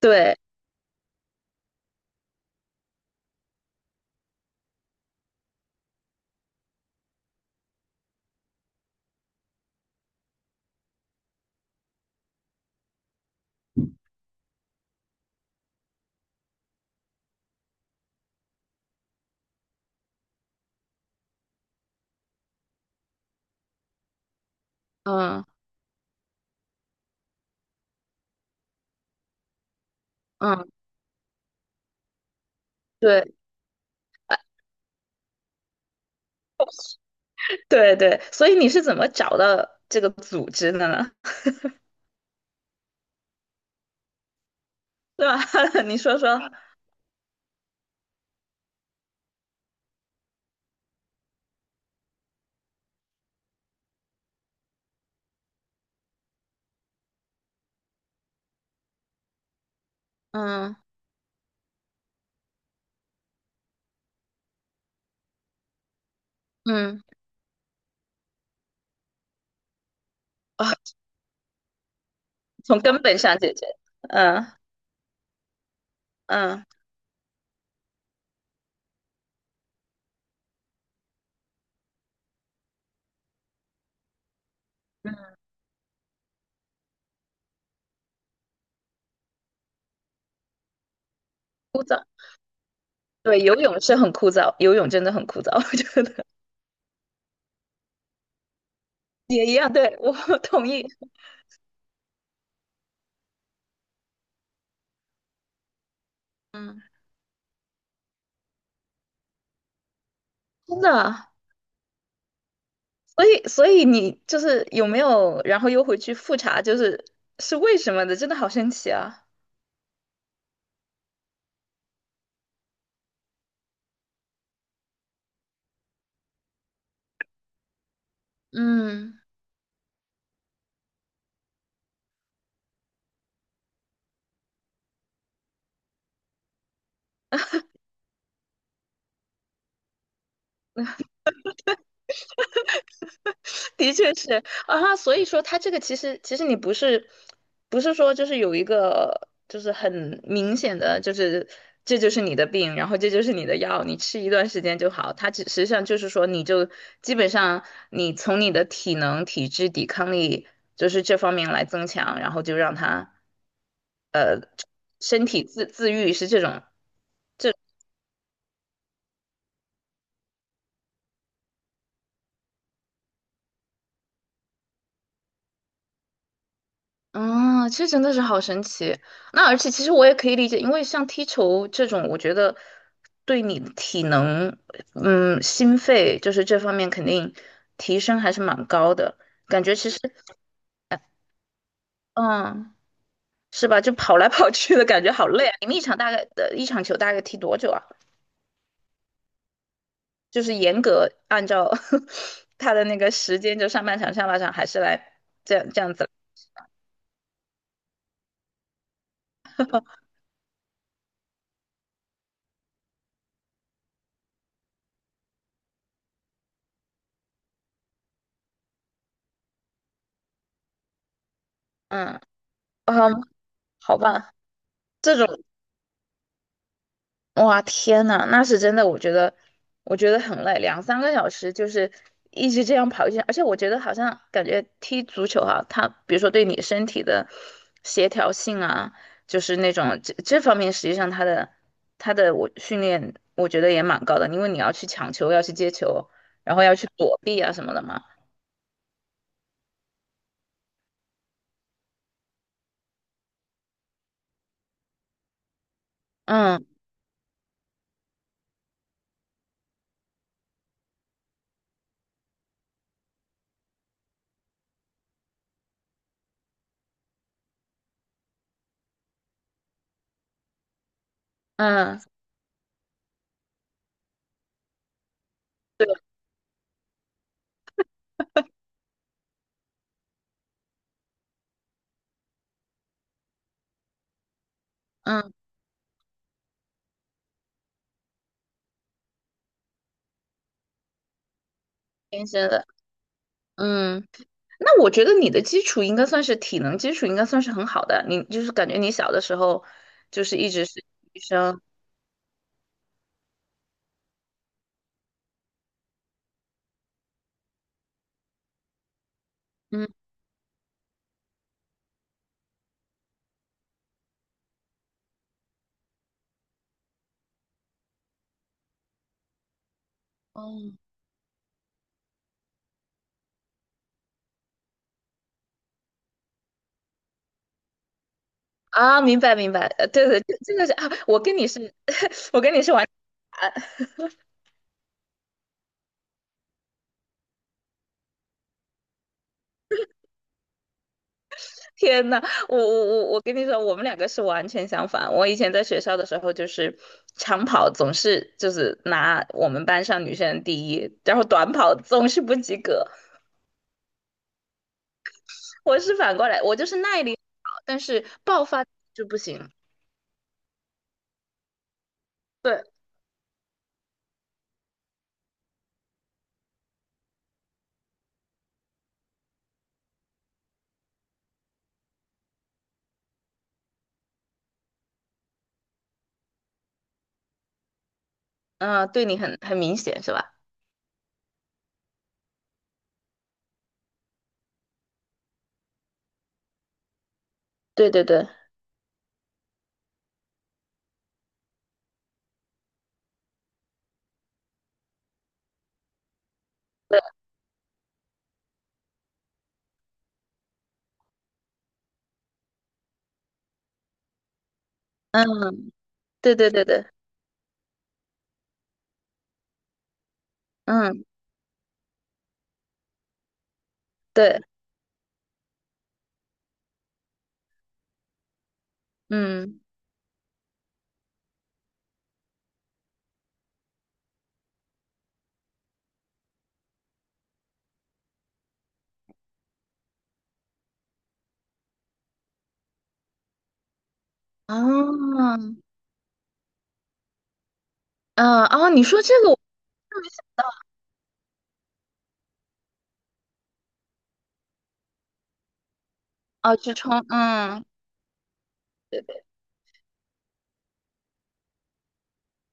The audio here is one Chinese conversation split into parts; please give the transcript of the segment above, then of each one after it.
对，嗯嗯，对。 对对，所以你是怎么找到这个组织的呢？对吧？你说说。嗯嗯啊，从根本上解决。嗯嗯嗯，枯燥。对，游泳是很枯燥，游泳真的很枯燥，我觉得也一样。对，我 同意。真的。所以你就是有没有，然后又回去复查，就是是为什么的，真的好神奇啊。嗯。的确是啊，所以说它这个其实你不是说就是有一个就是很明显的就是这就是你的病，然后这就是你的药，你吃一段时间就好。它只实际上就是说你就基本上你从你的体能、体质、抵抗力就是这方面来增强，然后就让它身体自愈是这种。啊，这真的是好神奇。那而且其实我也可以理解，因为像踢球这种，我觉得对你的体能，嗯，心肺就是这方面肯定提升还是蛮高的。感觉其实，嗯，是吧？就跑来跑去的感觉好累啊。你们一场大概的一场球大概踢多久啊？就是严格按照 他的那个时间，就上半场、下半场，还是来这样子？嗯。嗯。好吧。这种。哇，天呐，那是真的。我觉得，我觉得很累，两三个小时就是一直这样跑一圈。而且我觉得好像感觉踢足球哈、它比如说对你身体的协调性啊，就是那种这方面，实际上它的我训练，我觉得也蛮高的，因为你要去抢球，要去接球，然后要去躲避啊什么的嘛。嗯嗯，对，嗯，天生的。嗯。那我觉得你的基础应该算是体能基础，应该算是很好的。你就是感觉你小的时候就是一直是医生。嗯。哦。啊，明白明白，对对，这个是啊，我跟你是，我跟你是完。天呐，我跟你说，我们两个是完全相反。我以前在学校的时候就是长跑总是就是拿我们班上女生第一，然后短跑总是不及格。我是反过来，我就是耐力好，但是爆发就不行。对。嗯，对你很很明显是吧？对对对，对，嗯，对对对对，嗯，对，嗯。哦。嗯。哦，你说这个我。哦，去冲。嗯，对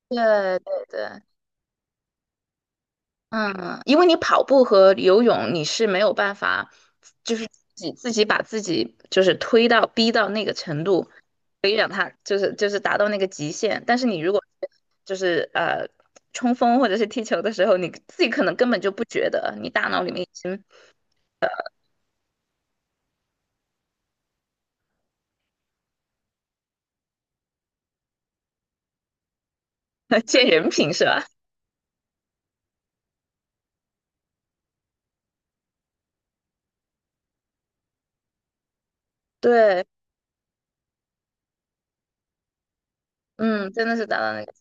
对对对。嗯，因为你跑步和游泳，你是没有办法，就是自己把自己就是推到逼到那个程度，可以让他就是达到那个极限。但是你如果就是冲锋或者是踢球的时候，你自己可能根本就不觉得，你大脑里面已经 见人品是吧？对。嗯，真的是达到那个。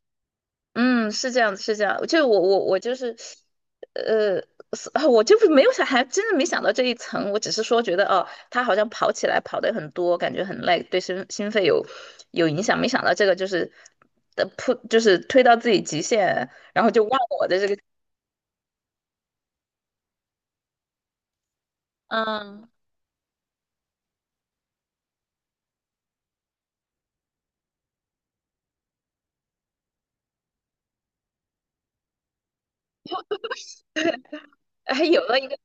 嗯，是这样子，是这样就我就是。呃，是啊 我就没有想，还真的没想到这一层。我只是说觉得，哦，他好像跑起来跑得很多，感觉很累，对心肺有有影响。没想到这个就是的扑，就是推到自己极限，然后就忘我的这个 嗯，还有了一个，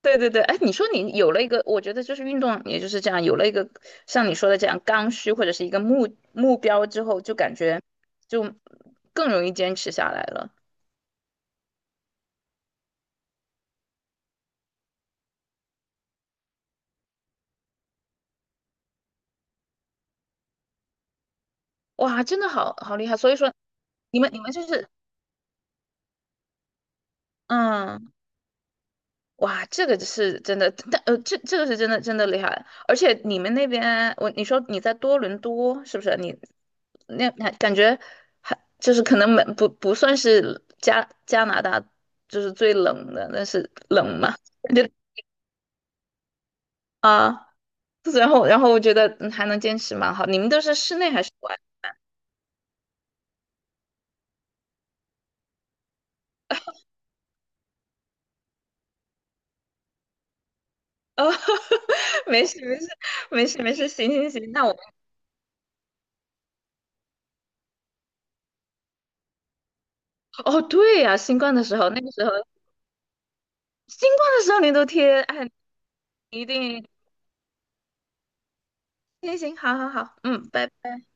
对对对。哎，你说你有了一个，我觉得就是运动，也就是这样，有了一个像你说的这样刚需或者是一个目标之后，就感觉就更容易坚持下来了。哇，真的好好厉害！所以说，你们你们就是。嗯。哇，这个是真的，但这个是真的真的厉害。而且你们那边，我你说你在多伦多是不是？你那那感觉还就是可能没不算是加拿大就是最冷的，但是冷嘛，感觉啊，然后我觉得嗯还能坚持蛮好。你们都是室内还是室外？哦，没事没事，行行行，那我。哦，对呀、新冠的时候，那个时候新冠的时候你都贴，哎，你一定行行，好好好，嗯，拜拜。